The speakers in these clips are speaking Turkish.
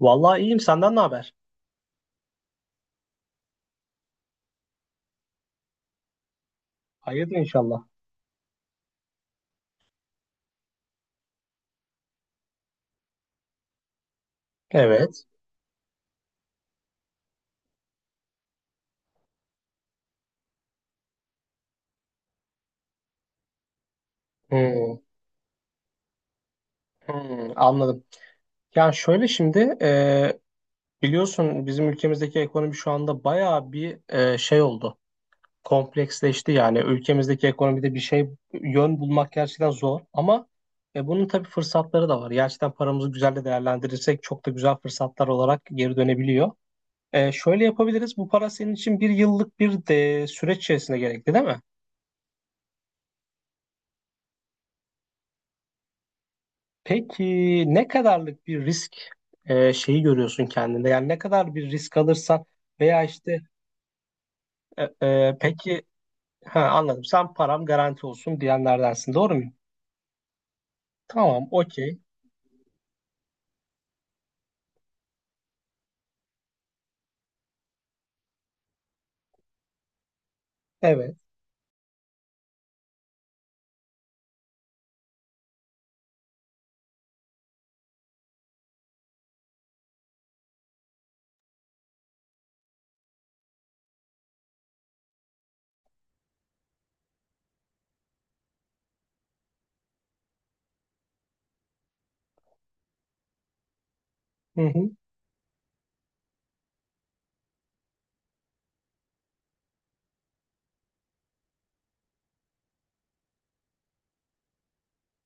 Vallahi iyiyim. Senden ne haber? Hayırdır inşallah. Evet. Hmm, anladım. Yani şöyle şimdi biliyorsun bizim ülkemizdeki ekonomi şu anda bayağı bir şey oldu. Kompleksleşti yani. Ülkemizdeki ekonomide bir şey yön bulmak gerçekten zor. Ama bunun tabii fırsatları da var. Gerçekten paramızı güzel de değerlendirirsek çok da güzel fırsatlar olarak geri dönebiliyor. Şöyle yapabiliriz. Bu para senin için bir yıllık bir de süreç içerisinde gerekli değil mi? Peki, ne kadarlık bir risk şeyi görüyorsun kendinde? Yani ne kadar bir risk alırsan veya işte peki. Ha, anladım, sen param garanti olsun diyenlerdensin, doğru muyum? Tamam, okey, evet. Hı hı.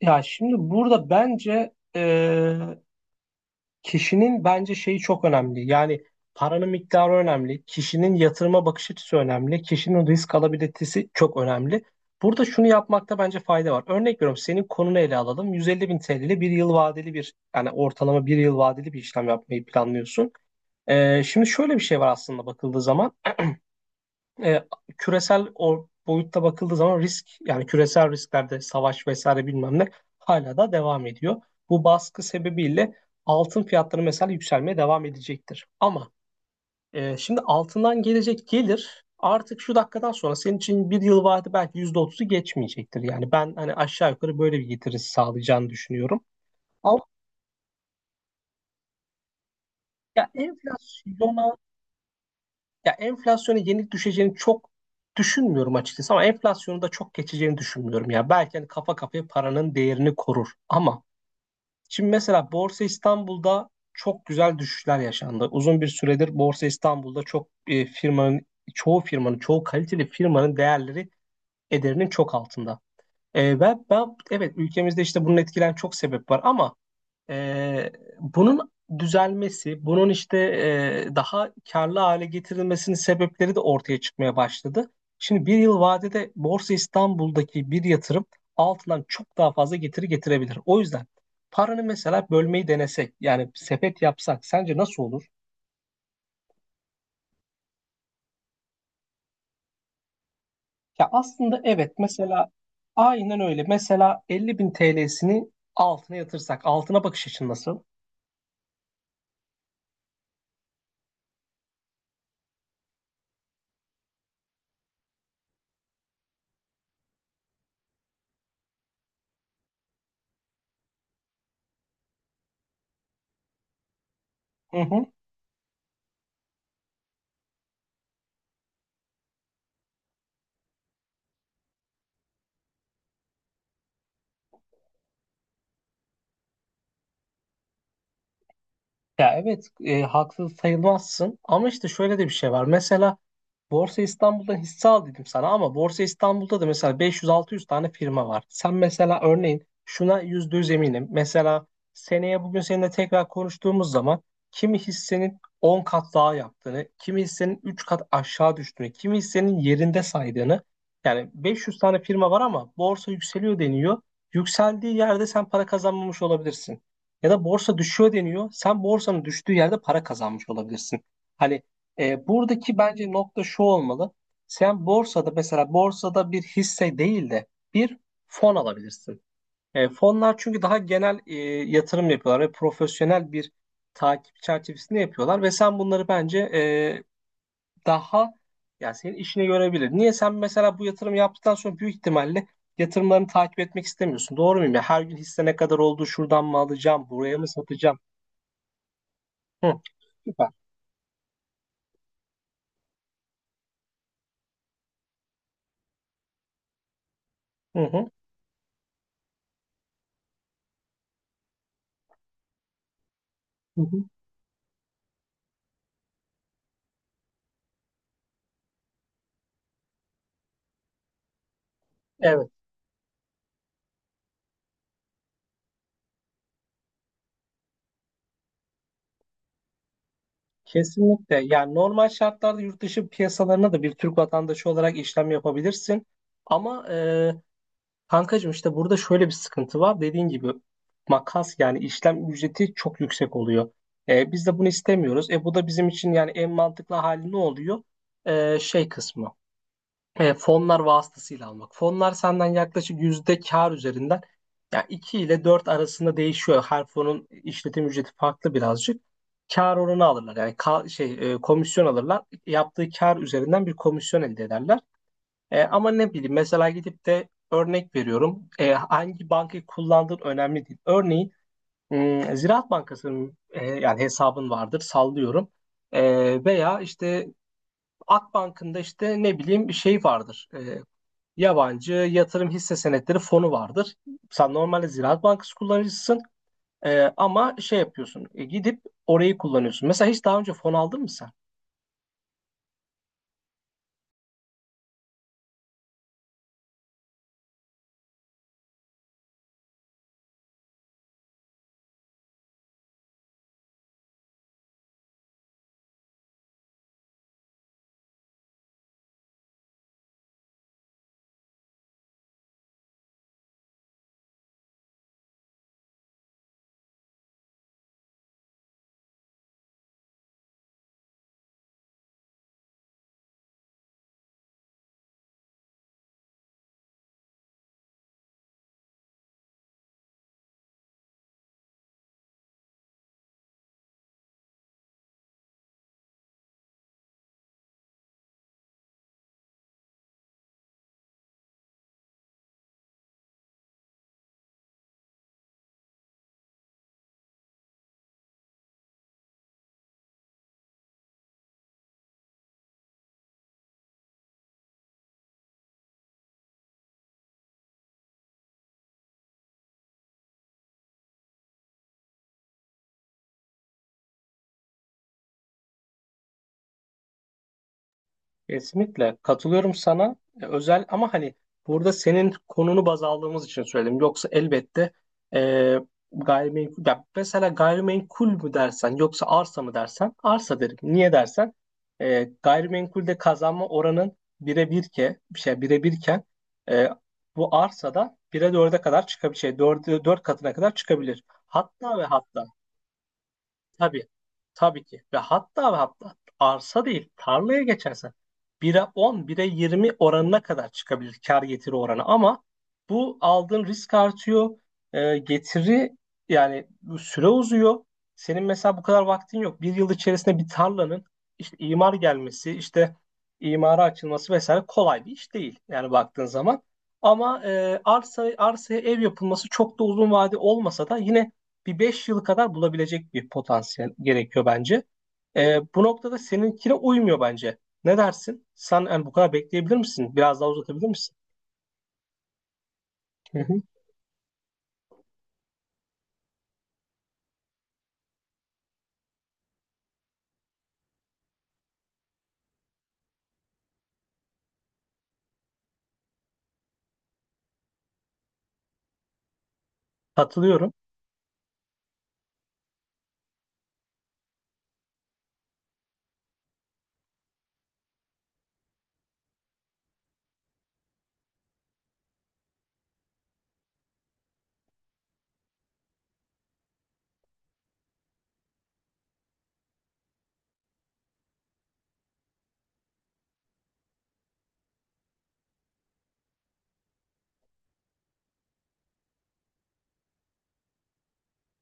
Ya şimdi burada bence kişinin bence şeyi çok önemli. Yani paranın miktarı önemli. Kişinin yatırıma bakış açısı önemli. Kişinin risk alabilitesi çok önemli. Burada şunu yapmakta bence fayda var. Örnek veriyorum, senin konunu ele alalım. 150 bin TL ile bir yıl vadeli bir yani ortalama bir yıl vadeli bir işlem yapmayı planlıyorsun. Şimdi şöyle bir şey var, aslında bakıldığı zaman e, küresel o boyutta bakıldığı zaman risk, yani küresel risklerde savaş vesaire bilmem ne hala da devam ediyor. Bu baskı sebebiyle altın fiyatları mesela yükselmeye devam edecektir. Ama şimdi altından gelecek gelir, artık şu dakikadan sonra senin için bir yıl vade belki %30'u geçmeyecektir. Yani ben hani aşağı yukarı böyle bir getirisi sağlayacağını düşünüyorum. Ama ya enflasyona Ya enflasyonu yenik düşeceğini çok düşünmüyorum açıkçası, ama enflasyonu da çok geçeceğini düşünmüyorum ya. Belki hani kafa kafaya paranın değerini korur, ama şimdi mesela Borsa İstanbul'da çok güzel düşüşler yaşandı. Uzun bir süredir Borsa İstanbul'da çok firmanın çoğu kaliteli firmanın değerleri ederinin çok altında. Ben, evet, ülkemizde işte bunun etkilen çok sebep var, ama ee, bunun düzelmesi, bunun işte daha karlı hale getirilmesinin sebepleri de ortaya çıkmaya başladı. Şimdi bir yıl vadede Borsa İstanbul'daki bir yatırım altından çok daha fazla getiri getirebilir. O yüzden paranı mesela bölmeyi denesek, yani sepet yapsak sence nasıl olur? Ya aslında evet, mesela aynen öyle. Mesela 50 bin TL'sini altına yatırsak, altına bakış açın nasıl? Hı hı. Ya evet, haksız sayılmazsın, ama işte şöyle de bir şey var. Mesela Borsa İstanbul'dan hisse al dedim sana, ama Borsa İstanbul'da da mesela 500-600 tane firma var. Sen mesela örneğin şuna %100 eminim. Mesela seneye bugün seninle tekrar konuştuğumuz zaman kimi hissenin 10 kat daha yaptığını, kimi hissenin 3 kat aşağı düştüğünü, kimi hissenin yerinde saydığını. Yani 500 tane firma var ama borsa yükseliyor deniyor. Yükseldiği yerde sen para kazanmamış olabilirsin. Ya da borsa düşüyor deniyor. Sen borsanın düştüğü yerde para kazanmış olabilirsin. Hani buradaki bence nokta şu olmalı. Sen borsada, mesela borsada bir hisse değil de bir fon alabilirsin. Fonlar çünkü daha genel yatırım yapıyorlar ve profesyonel bir takip çerçevesinde yapıyorlar ve sen bunları bence daha yani senin işine görebilir. Niye sen mesela bu yatırım yaptıktan sonra büyük ihtimalle yatırımlarını takip etmek istemiyorsun. Doğru muyum ya? Her gün hisse ne kadar oldu, şuradan mı alacağım, buraya mı satacağım? Hı. Süper. Hı hı. Hı hı. Evet, kesinlikle. Yani normal şartlarda yurt dışı piyasalarına da bir Türk vatandaşı olarak işlem yapabilirsin. Ama kankacığım işte burada şöyle bir sıkıntı var. Dediğin gibi makas, yani işlem ücreti çok yüksek oluyor. Biz de bunu istemiyoruz. Bu da bizim için yani en mantıklı hali ne oluyor? Şey kısmı. He, fonlar vasıtasıyla almak. Fonlar senden yaklaşık yüzde kar üzerinden, yani 2 ile 4 arasında değişiyor. Her fonun işletim ücreti farklı birazcık. Kar oranı alırlar. Yani komisyon alırlar. Yaptığı kar üzerinden bir komisyon elde ederler. Ama ne bileyim, mesela gidip de örnek veriyorum. Hangi bankayı kullandığın önemli değil. Örneğin Ziraat Bankası'nın yani hesabın vardır, sallıyorum. Veya işte Akbank'ın da işte ne bileyim bir şey vardır. Yabancı yatırım hisse senetleri fonu vardır. Sen normalde Ziraat Bankası kullanıcısın, ama şey yapıyorsun, gidip orayı kullanıyorsun. Mesela hiç daha önce fon aldın mı sen? Kesinlikle katılıyorum sana. Özel, ama hani burada senin konunu baz aldığımız için söyledim. Yoksa elbette e, gayrimenkul ya, mesela gayrimenkul mü dersen yoksa arsa mı dersen arsa derim. Niye dersen gayrimenkulde kazanma oranın bire bir ke bir şey bire birken e, bu arsada bire dörde kadar çıkabilir. Dört katına kadar çıkabilir. Hatta ve hatta Tabii, tabii ki. Ve hatta ve hatta arsa değil, tarlaya geçersen 1'e 10, 1'e 20 oranına kadar çıkabilir kar getiri oranı. Ama bu aldığın risk artıyor. Getiri, yani bu süre uzuyor. Senin mesela bu kadar vaktin yok. Bir yıl içerisinde bir tarlanın işte imar gelmesi, işte imara açılması vesaire kolay bir iş değil, yani baktığın zaman. Ama arsaya ev yapılması çok da uzun vade olmasa da yine bir 5 yıl kadar bulabilecek bir potansiyel gerekiyor bence. Bu noktada seninkine uymuyor bence. Ne dersin? Sen yani bu kadar bekleyebilir misin? Biraz daha uzatabilir misin? Hı hı. Katılıyorum.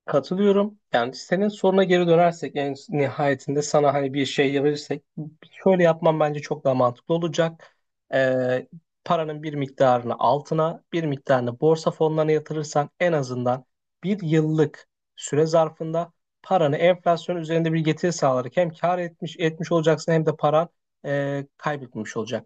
Katılıyorum. Yani senin soruna geri dönersek en nihayetinde sana hani bir şey verirsek, şöyle yapmam bence çok daha mantıklı olacak. Ee, Paranın bir miktarını altına bir miktarını borsa fonlarına yatırırsan en azından bir yıllık süre zarfında paranı enflasyon üzerinde bir getiri sağlayarak hem kar etmiş olacaksın hem de paran kaybetmiş olacak.